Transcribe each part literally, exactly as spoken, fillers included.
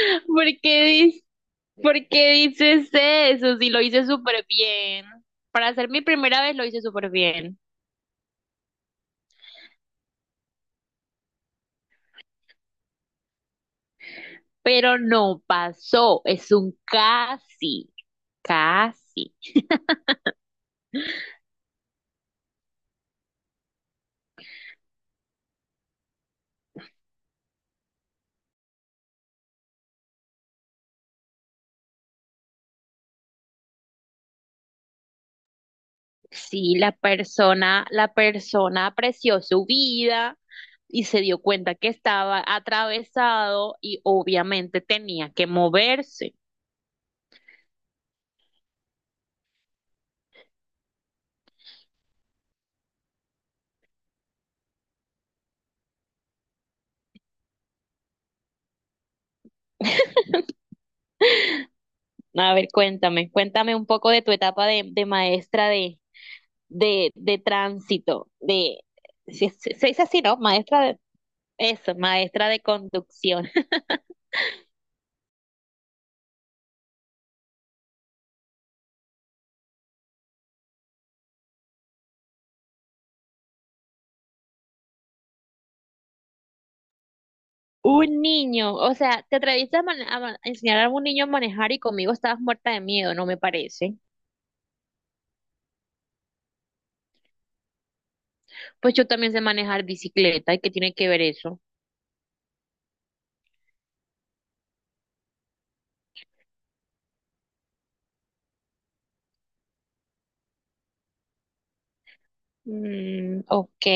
¿Por qué dices, por qué dices eso? Si lo hice súper bien. Para ser mi primera vez lo hice súper bien. Pero no pasó. Es un casi. Casi. Sí, la persona, la persona apreció su vida y se dio cuenta que estaba atravesado y obviamente tenía que moverse. A ver, cuéntame, cuéntame un poco de tu etapa de, de maestra de, de, de tránsito, de, se, se- se dice así, ¿no? Maestra de, eso, maestra de conducción. Un niño, o sea, te atreviste a, man- a man- a enseñar a un niño a manejar y conmigo estabas muerta de miedo, no me parece. Pues yo también sé manejar bicicleta, ¿y qué tiene que ver eso? Mm, ok,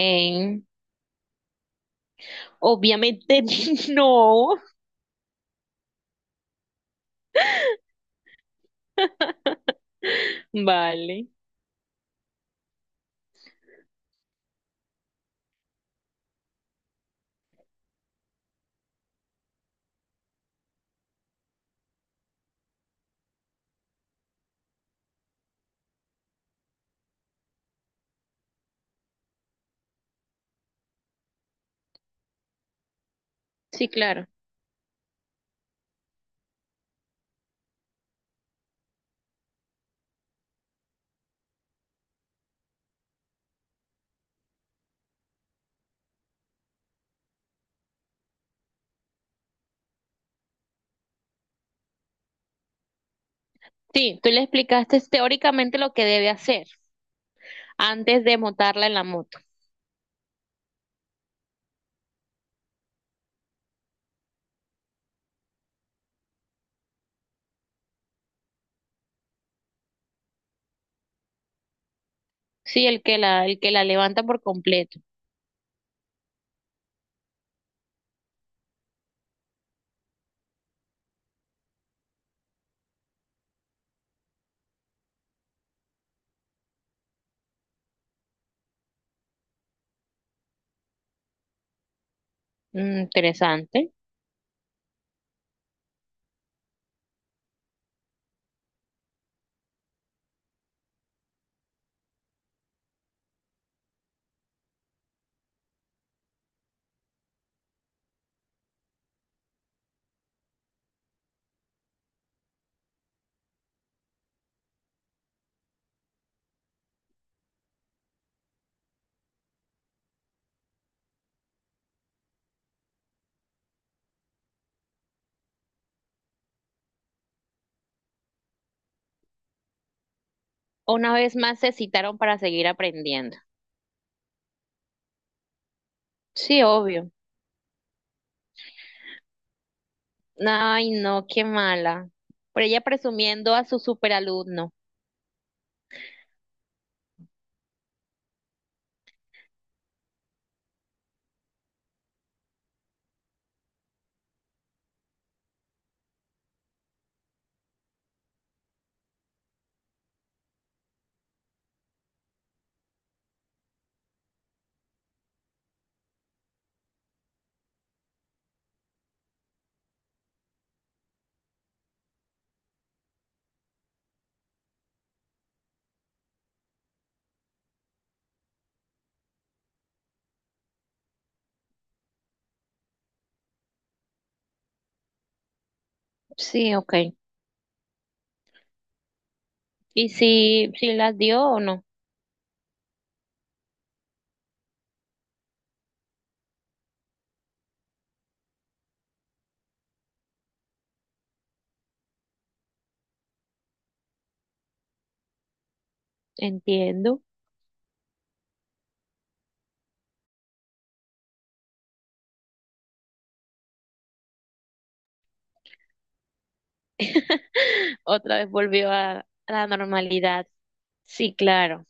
obviamente no. Vale. Sí, claro. Sí, tú le explicaste teóricamente lo que debe hacer antes de montarla en la moto. Sí, el que la, el que la levanta por completo. Mm, interesante. Una vez más se citaron para seguir aprendiendo. Sí, obvio. Ay, no, qué mala. Por ella presumiendo a su superalumno. Sí, ok. ¿Y si, si las dio o no? Entiendo. Otra vez volvió a a la normalidad. Sí, claro.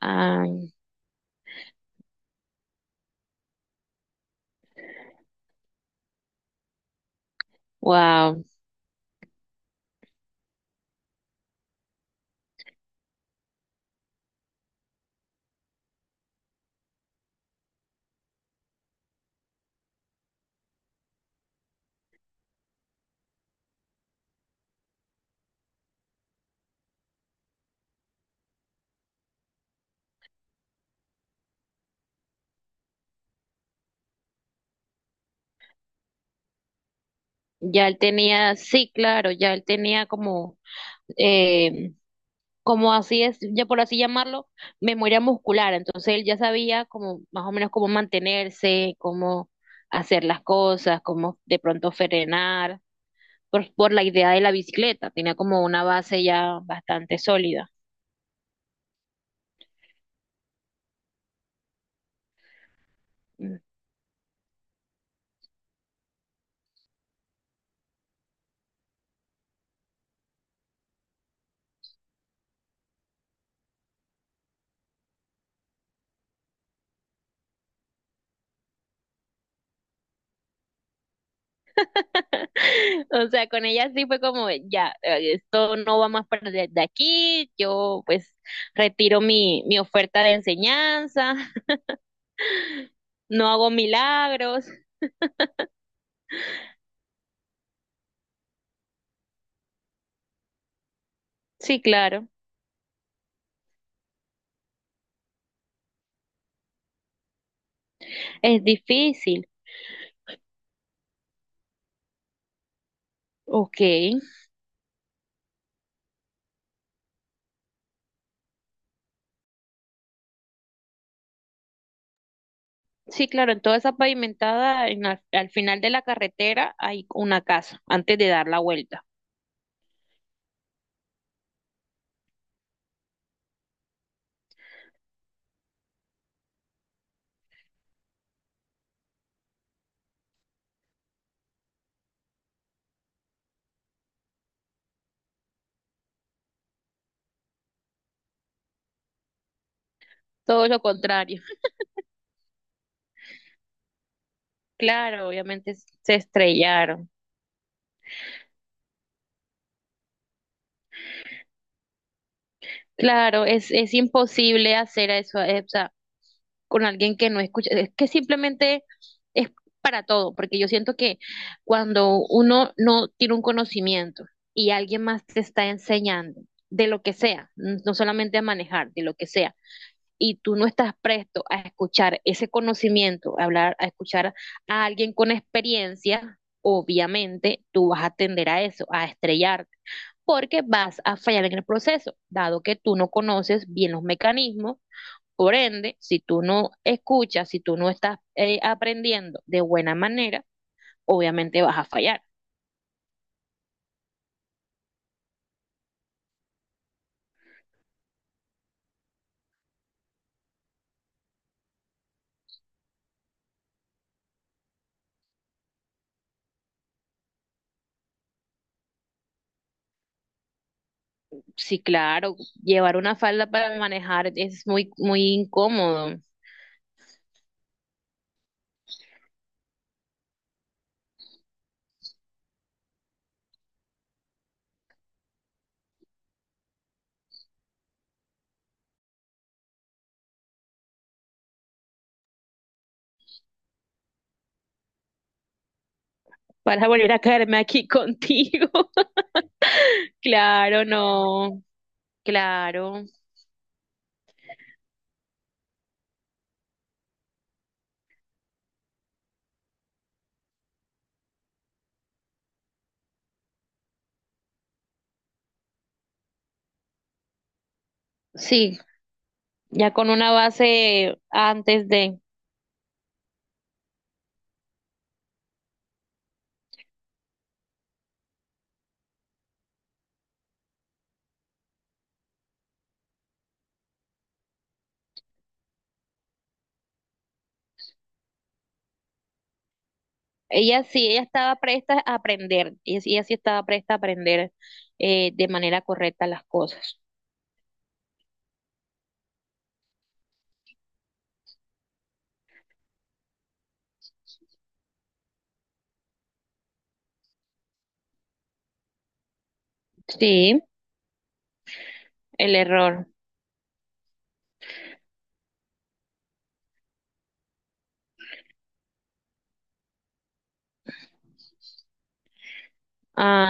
Ah, wow. Ya él tenía, sí, claro, ya él tenía como, eh, como así es, ya por así llamarlo, memoria muscular. Entonces él ya sabía como más o menos cómo mantenerse, cómo hacer las cosas, cómo de pronto frenar, por, por la idea de la bicicleta. Tenía como una base ya bastante sólida. O sea, con ella sí fue como, ya, eh, esto no va más para de, de aquí, yo pues retiro mi, mi oferta de enseñanza, no hago milagros. Sí, claro, es difícil. Ok, sí, claro, en toda esa pavimentada, en la- al final de la carretera hay una casa antes de dar la vuelta. Todo lo contrario. Claro, obviamente s- se estrellaron. Claro, es, es imposible hacer eso, eh, o sea, con alguien que no escucha, es que simplemente es para todo, porque yo siento que cuando uno no tiene un conocimiento y alguien más te está enseñando de lo que sea, n- no solamente a manejar, de lo que sea, y tú no estás presto a escuchar ese conocimiento, a hablar, a escuchar a alguien con experiencia, obviamente tú vas a tender a eso, a estrellarte, porque vas a fallar en el proceso, dado que tú no conoces bien los mecanismos por ende, si tú no escuchas, si tú no estás eh, aprendiendo de buena manera, obviamente vas a fallar. Sí, claro, llevar una falda para manejar es muy, muy incómodo. Para volver a caerme aquí contigo. Claro, no. Claro. Sí, ya con una base antes de... Ella sí, ella estaba presta a aprender. Ella, sí- ella sí estaba presta a aprender eh, de manera correcta las cosas. Sí, el error.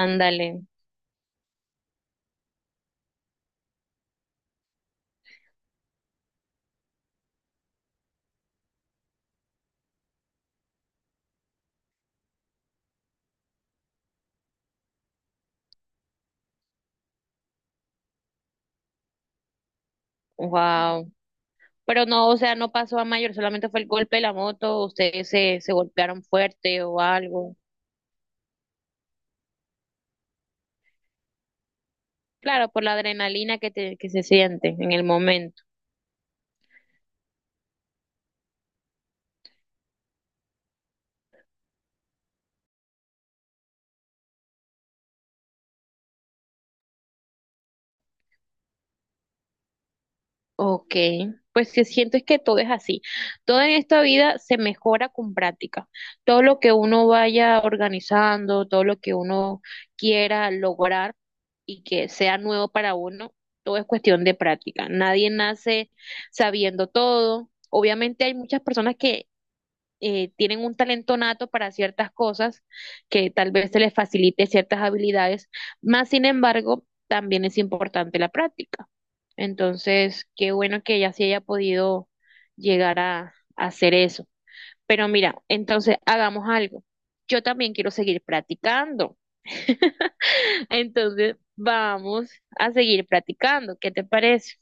Ándale. Wow. Pero no, o sea, no pasó a mayor, solamente fue el golpe de la moto, ustedes se, se golpearon fuerte o algo. Claro, por la adrenalina que te, que se siente en el momento. Ok, pues sí, siento es que todo es así. Todo en esta vida se mejora con práctica. Todo lo que uno vaya organizando, todo lo que uno quiera lograr y que sea nuevo para uno, todo es cuestión de práctica. Nadie nace sabiendo todo. Obviamente hay muchas personas que eh, tienen un talento nato para ciertas cosas que tal vez se les facilite ciertas habilidades, más sin embargo, también es importante la práctica. Entonces, qué bueno que ella sí haya podido llegar a, a hacer eso. Pero mira, entonces hagamos algo. Yo también quiero seguir practicando. Entonces, vamos a seguir practicando. ¿Qué te parece?